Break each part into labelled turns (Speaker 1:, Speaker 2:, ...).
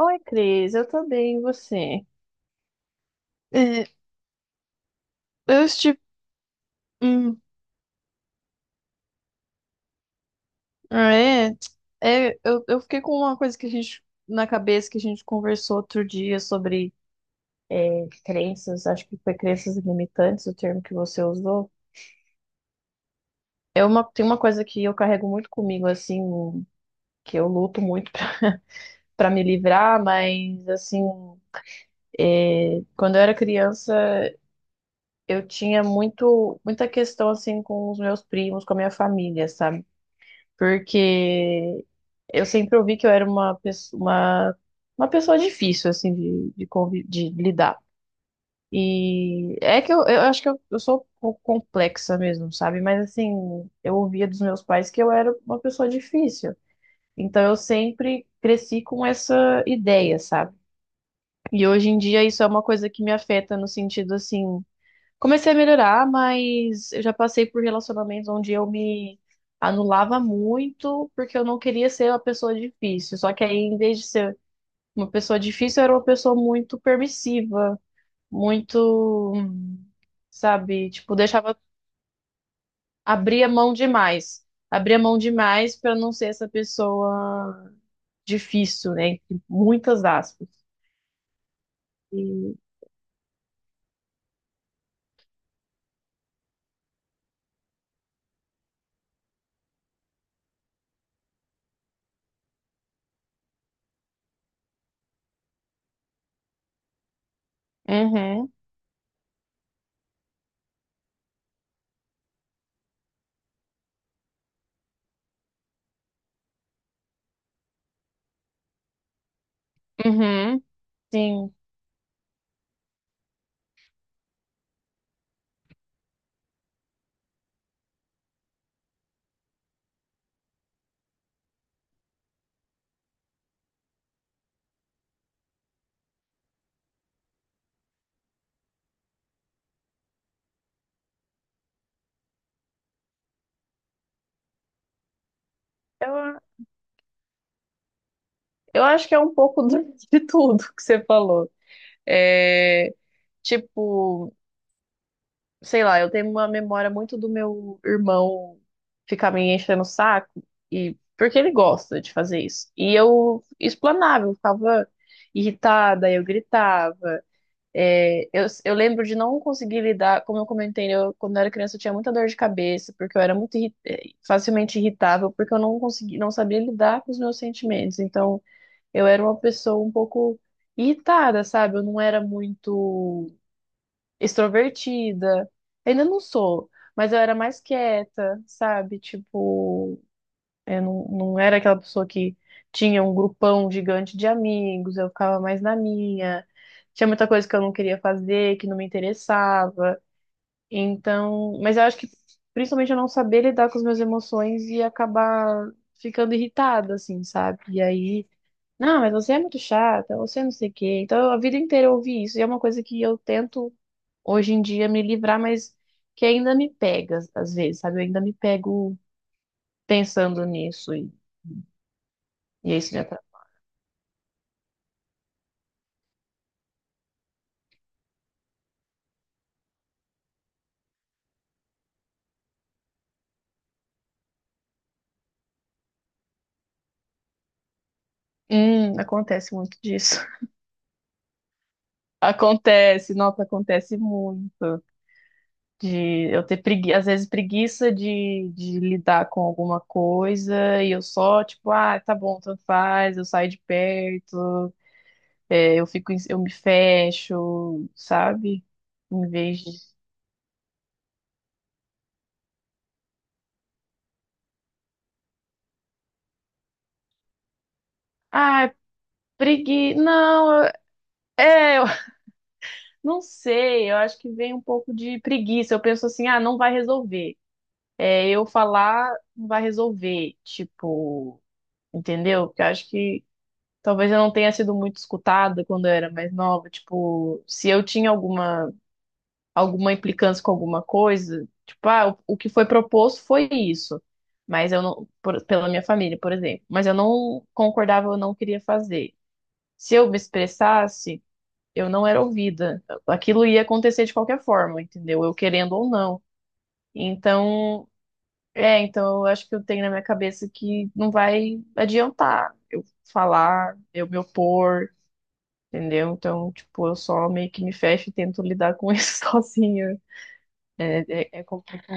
Speaker 1: Oi, Cris, eu tô bem, e você? É, eu estive. Hum, ah, é, eu fiquei com uma coisa que a gente na cabeça que a gente conversou outro dia sobre crenças, acho que foi crenças limitantes, o termo que você usou. É uma, tem uma coisa que eu carrego muito comigo, assim, que eu luto muito para me livrar, mas assim, quando eu era criança, eu tinha muito, muita questão assim com os meus primos, com a minha família, sabe? Porque eu sempre ouvi que eu era uma pessoa difícil, assim, convi- de lidar. E é que eu acho que eu sou um pouco complexa mesmo, sabe? Mas assim, eu ouvia dos meus pais que eu era uma pessoa difícil. Então eu sempre cresci com essa ideia, sabe? E hoje em dia isso é uma coisa que me afeta no sentido assim. Comecei a melhorar, mas eu já passei por relacionamentos onde eu me anulava muito porque eu não queria ser uma pessoa difícil. Só que aí, em vez de ser uma pessoa difícil, eu era uma pessoa muito permissiva, muito, sabe, tipo, deixava, abria mão demais. Abria mão demais para não ser essa pessoa difícil, né? Entre muitas aspas. E... Uhum, uhum, sim. Eu, eu acho que é um pouco do- de tudo que você falou. É, tipo, sei lá, eu tenho uma memória muito do meu irmão ficar me enchendo o saco, e, porque ele gosta de fazer isso. E eu explanava, eu ficava irritada, eu gritava. Eu lembro de não conseguir lidar, como eu comentei, eu, quando eu era criança eu tinha muita dor de cabeça, porque eu era muito irri- facilmente irritável, porque eu não consegui, não sabia lidar com os meus sentimentos. Então, eu era uma pessoa um pouco irritada, sabe? Eu não era muito extrovertida. Ainda não sou, mas eu era mais quieta, sabe? Tipo, eu não, não era aquela pessoa que tinha um grupão gigante de amigos, eu ficava mais na minha. Tinha muita coisa que eu não queria fazer, que não me interessava. Então, mas eu acho que principalmente eu não saber lidar com as minhas emoções e acabar ficando irritada, assim, sabe? E aí, não, mas você é muito chata, você é não sei o quê. Então, a vida inteira eu ouvi isso, e é uma coisa que eu tento hoje em dia me livrar, mas que ainda me pega às vezes, sabe? Eu ainda me pego pensando nisso e é isso me atrapalha. Acontece muito disso. Acontece, nossa, acontece muito. De eu ter pregui... às vezes preguiça de lidar com alguma coisa e eu só, tipo, ah, tá bom, tanto faz, eu saio de perto, é, eu fico, em- eu me fecho, sabe? Em vez de, ah, pregui Não, é, Não sei, eu acho que vem um pouco de preguiça. Eu penso assim, ah, não vai resolver. É, eu falar não vai resolver, tipo, entendeu? Porque eu acho que talvez eu não tenha sido muito escutada quando eu era mais nova. Tipo, se eu tinha alguma implicância com alguma coisa, tipo, ah, o que foi proposto foi isso. Mas eu não, por- pela minha família, por exemplo. Mas eu não concordava, eu não queria fazer. Se eu me expressasse eu não era ouvida. Aquilo ia acontecer de qualquer forma, entendeu? Eu querendo ou não. Então, então eu acho que eu tenho na minha cabeça que não vai adiantar eu falar, eu me opor, entendeu? Então, tipo, eu só meio que me fecho e tento lidar com isso sozinha. É, é, é complicado.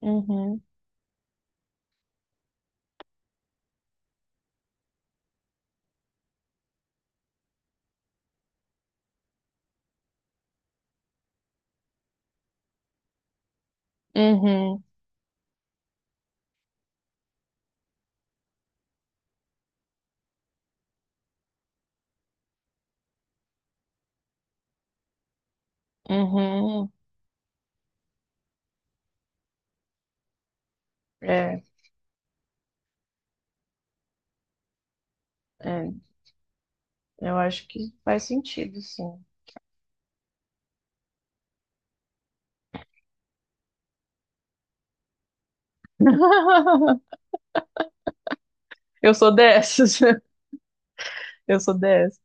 Speaker 1: Uhum, uhum, uhum. É, é. Eu acho que faz sentido, sim. Eu sou dessas. Eu sou dessas.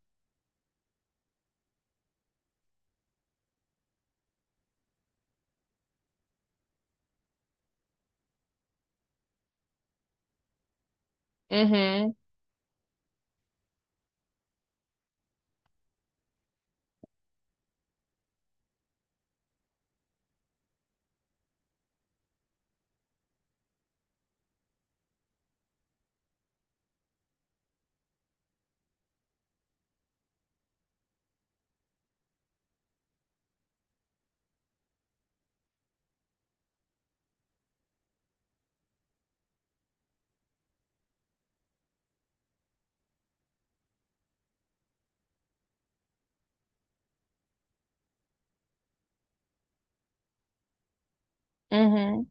Speaker 1: Uhum, uhum.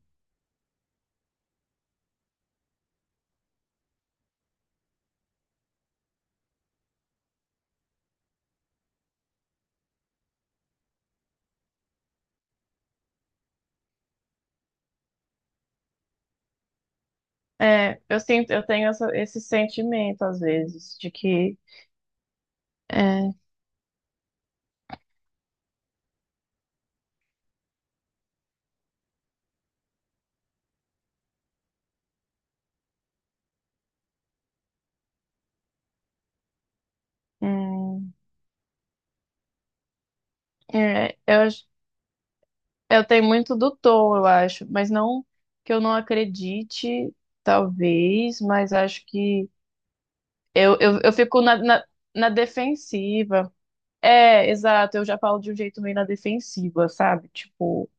Speaker 1: É, eu sinto, eu tenho essa- esse sentimento às vezes de que é, hum, é, eu, acho- eu tenho muito do tom, eu acho, mas não que eu não acredite, talvez, mas acho que eu fico na defensiva. É, exato, eu já falo de um jeito meio na defensiva, sabe? Tipo,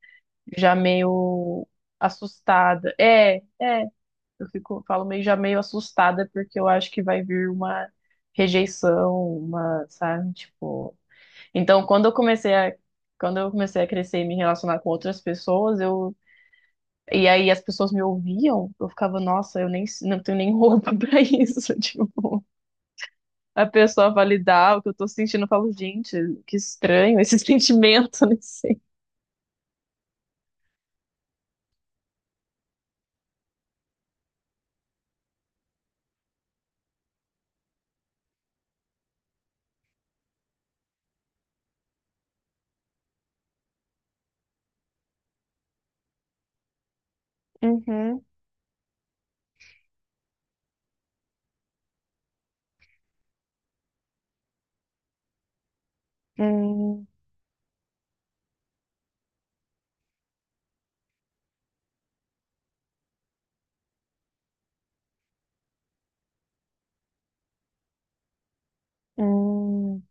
Speaker 1: já meio assustada. É, é. Eu fico, falo meio já meio assustada porque eu acho que vai vir uma rejeição, uma, sabe, tipo. Então, quando eu comecei a crescer e me relacionar com outras pessoas, eu e aí as pessoas me ouviam, eu ficava, nossa, eu nem não tenho nem roupa pra isso, tipo. A pessoa validar o que eu tô sentindo, eu falo, gente, que estranho esse sentimento, não sei. Uhum. Hum,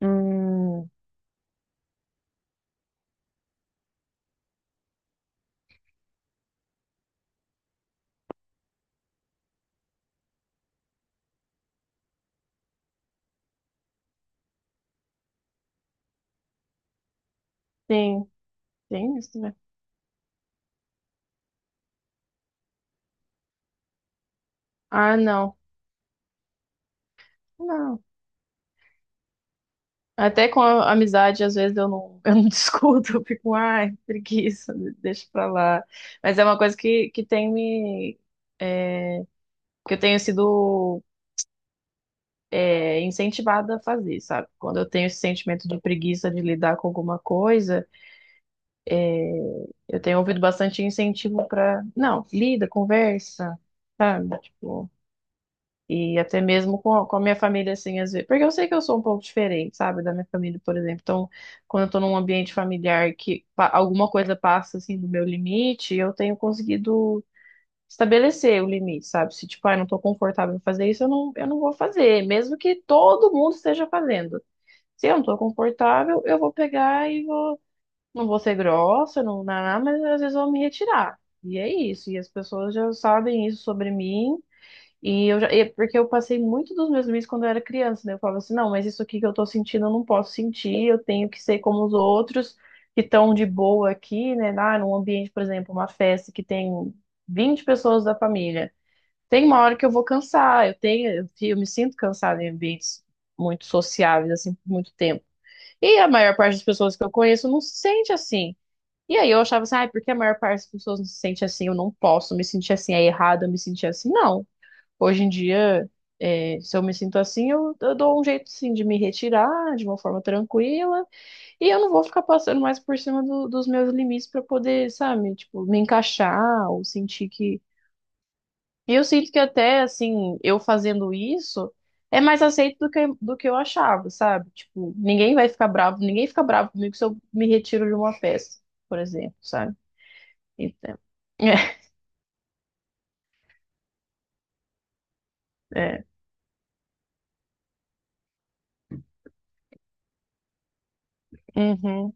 Speaker 1: hum. Sim, tem isso, né? Ah, não. Não. Até com a amizade, às vezes eu não discuto, eu fico, ai, preguiça, deixa pra lá. Mas é uma coisa que tem me, que eu tenho sido incentivada a fazer, sabe? Quando eu tenho esse sentimento de preguiça de lidar com alguma coisa, eu tenho ouvido bastante incentivo pra, não, lida, conversa, sabe? Tipo, E até mesmo com a minha família, assim, às vezes. Porque eu sei que eu sou um pouco diferente, sabe, da minha família, por exemplo. Então, quando eu tô num ambiente familiar que pa- alguma coisa passa, assim, do meu limite, eu tenho conseguido estabelecer o limite, sabe? Se, tipo, ah, eu não tô confortável em fazer isso, eu não vou fazer, mesmo que todo mundo esteja fazendo. Se eu não tô confortável, eu vou pegar e vou. Não vou ser grossa, não, mas às vezes eu vou me retirar. E é isso. E as pessoas já sabem isso sobre mim. E eu já, e é porque eu passei muito dos meus limites quando eu era criança, né? Eu falava assim, não, mas isso aqui que eu tô sentindo eu não posso sentir, eu tenho que ser como os outros que estão de boa aqui, né? Ah, num ambiente, por exemplo, uma festa que tem 20 pessoas da família. Tem uma hora que eu vou cansar, eu me sinto cansada em ambientes muito sociáveis, assim, por muito tempo. E a maior parte das pessoas que eu conheço não se sente assim. E aí eu achava assim, ah, porque a maior parte das pessoas não se sente assim, eu não posso me sentir assim, é errado eu me sentir assim. Não. Hoje em dia, é, se eu me sinto assim, eu dou um jeito sim de me retirar de uma forma tranquila e eu não vou ficar passando mais por cima do- dos meus limites para poder, sabe, tipo, me encaixar ou sentir que. E eu sinto que até assim, eu fazendo isso é mais aceito do que eu achava, sabe? Tipo, ninguém vai ficar bravo, ninguém fica bravo comigo se eu me retiro de uma festa, por exemplo, sabe? Então, é, é. Uhum,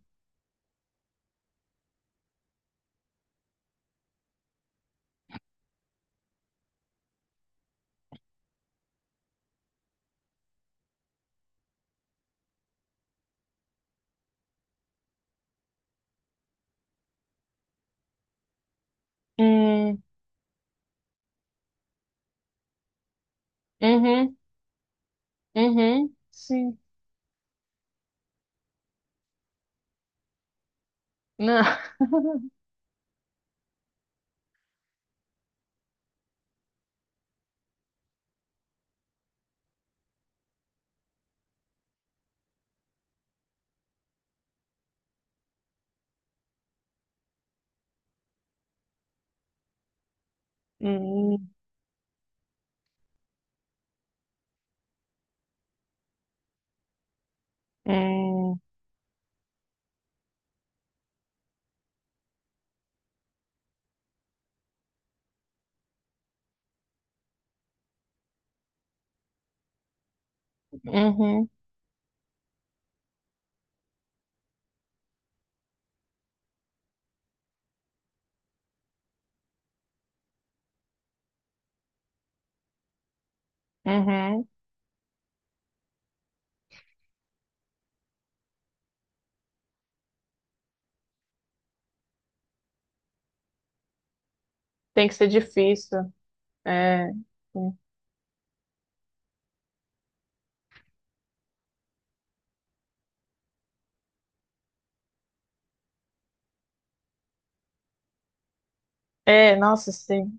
Speaker 1: hum, uhum, uhum, sim. Não. Hum, hum, uhum, uhum. Tem que ser difícil. É, é, nossa, sim.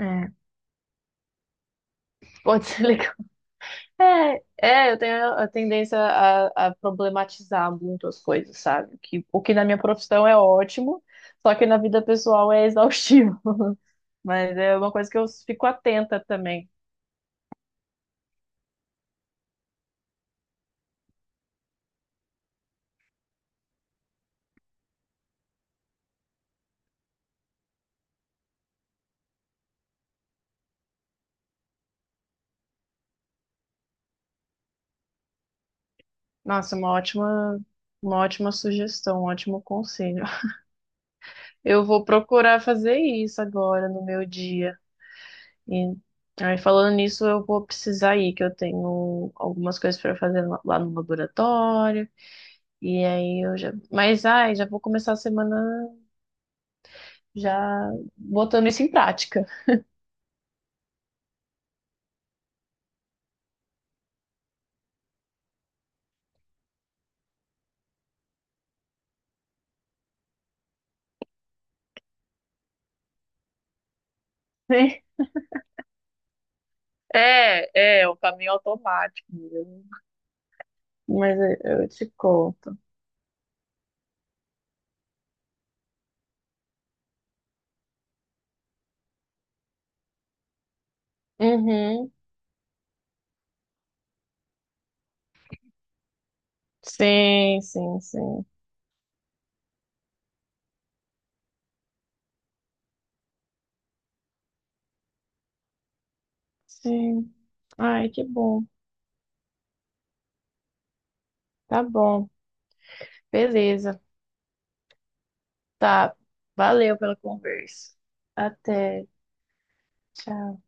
Speaker 1: É, pode ser legal. É, é, eu tenho a tendência a problematizar muito as coisas, sabe? Que, o que na minha profissão é ótimo, só que na vida pessoal é exaustivo. Mas é uma coisa que eu fico atenta também. Nossa, uma ótima sugestão, um ótimo conselho. Eu vou procurar fazer isso agora no meu dia. E aí, falando nisso, eu vou precisar ir, que eu tenho algumas coisas para fazer lá lá no laboratório. E aí eu já. Mas ai, já vou começar a semana já botando isso em prática, né? É, é, o caminho automático mesmo. Mas eu te conto. Uhum. Sim, sim, sim. Sim. Ai, que bom. Tá bom. Beleza. Tá. Valeu pela conversa. Até. Tchau.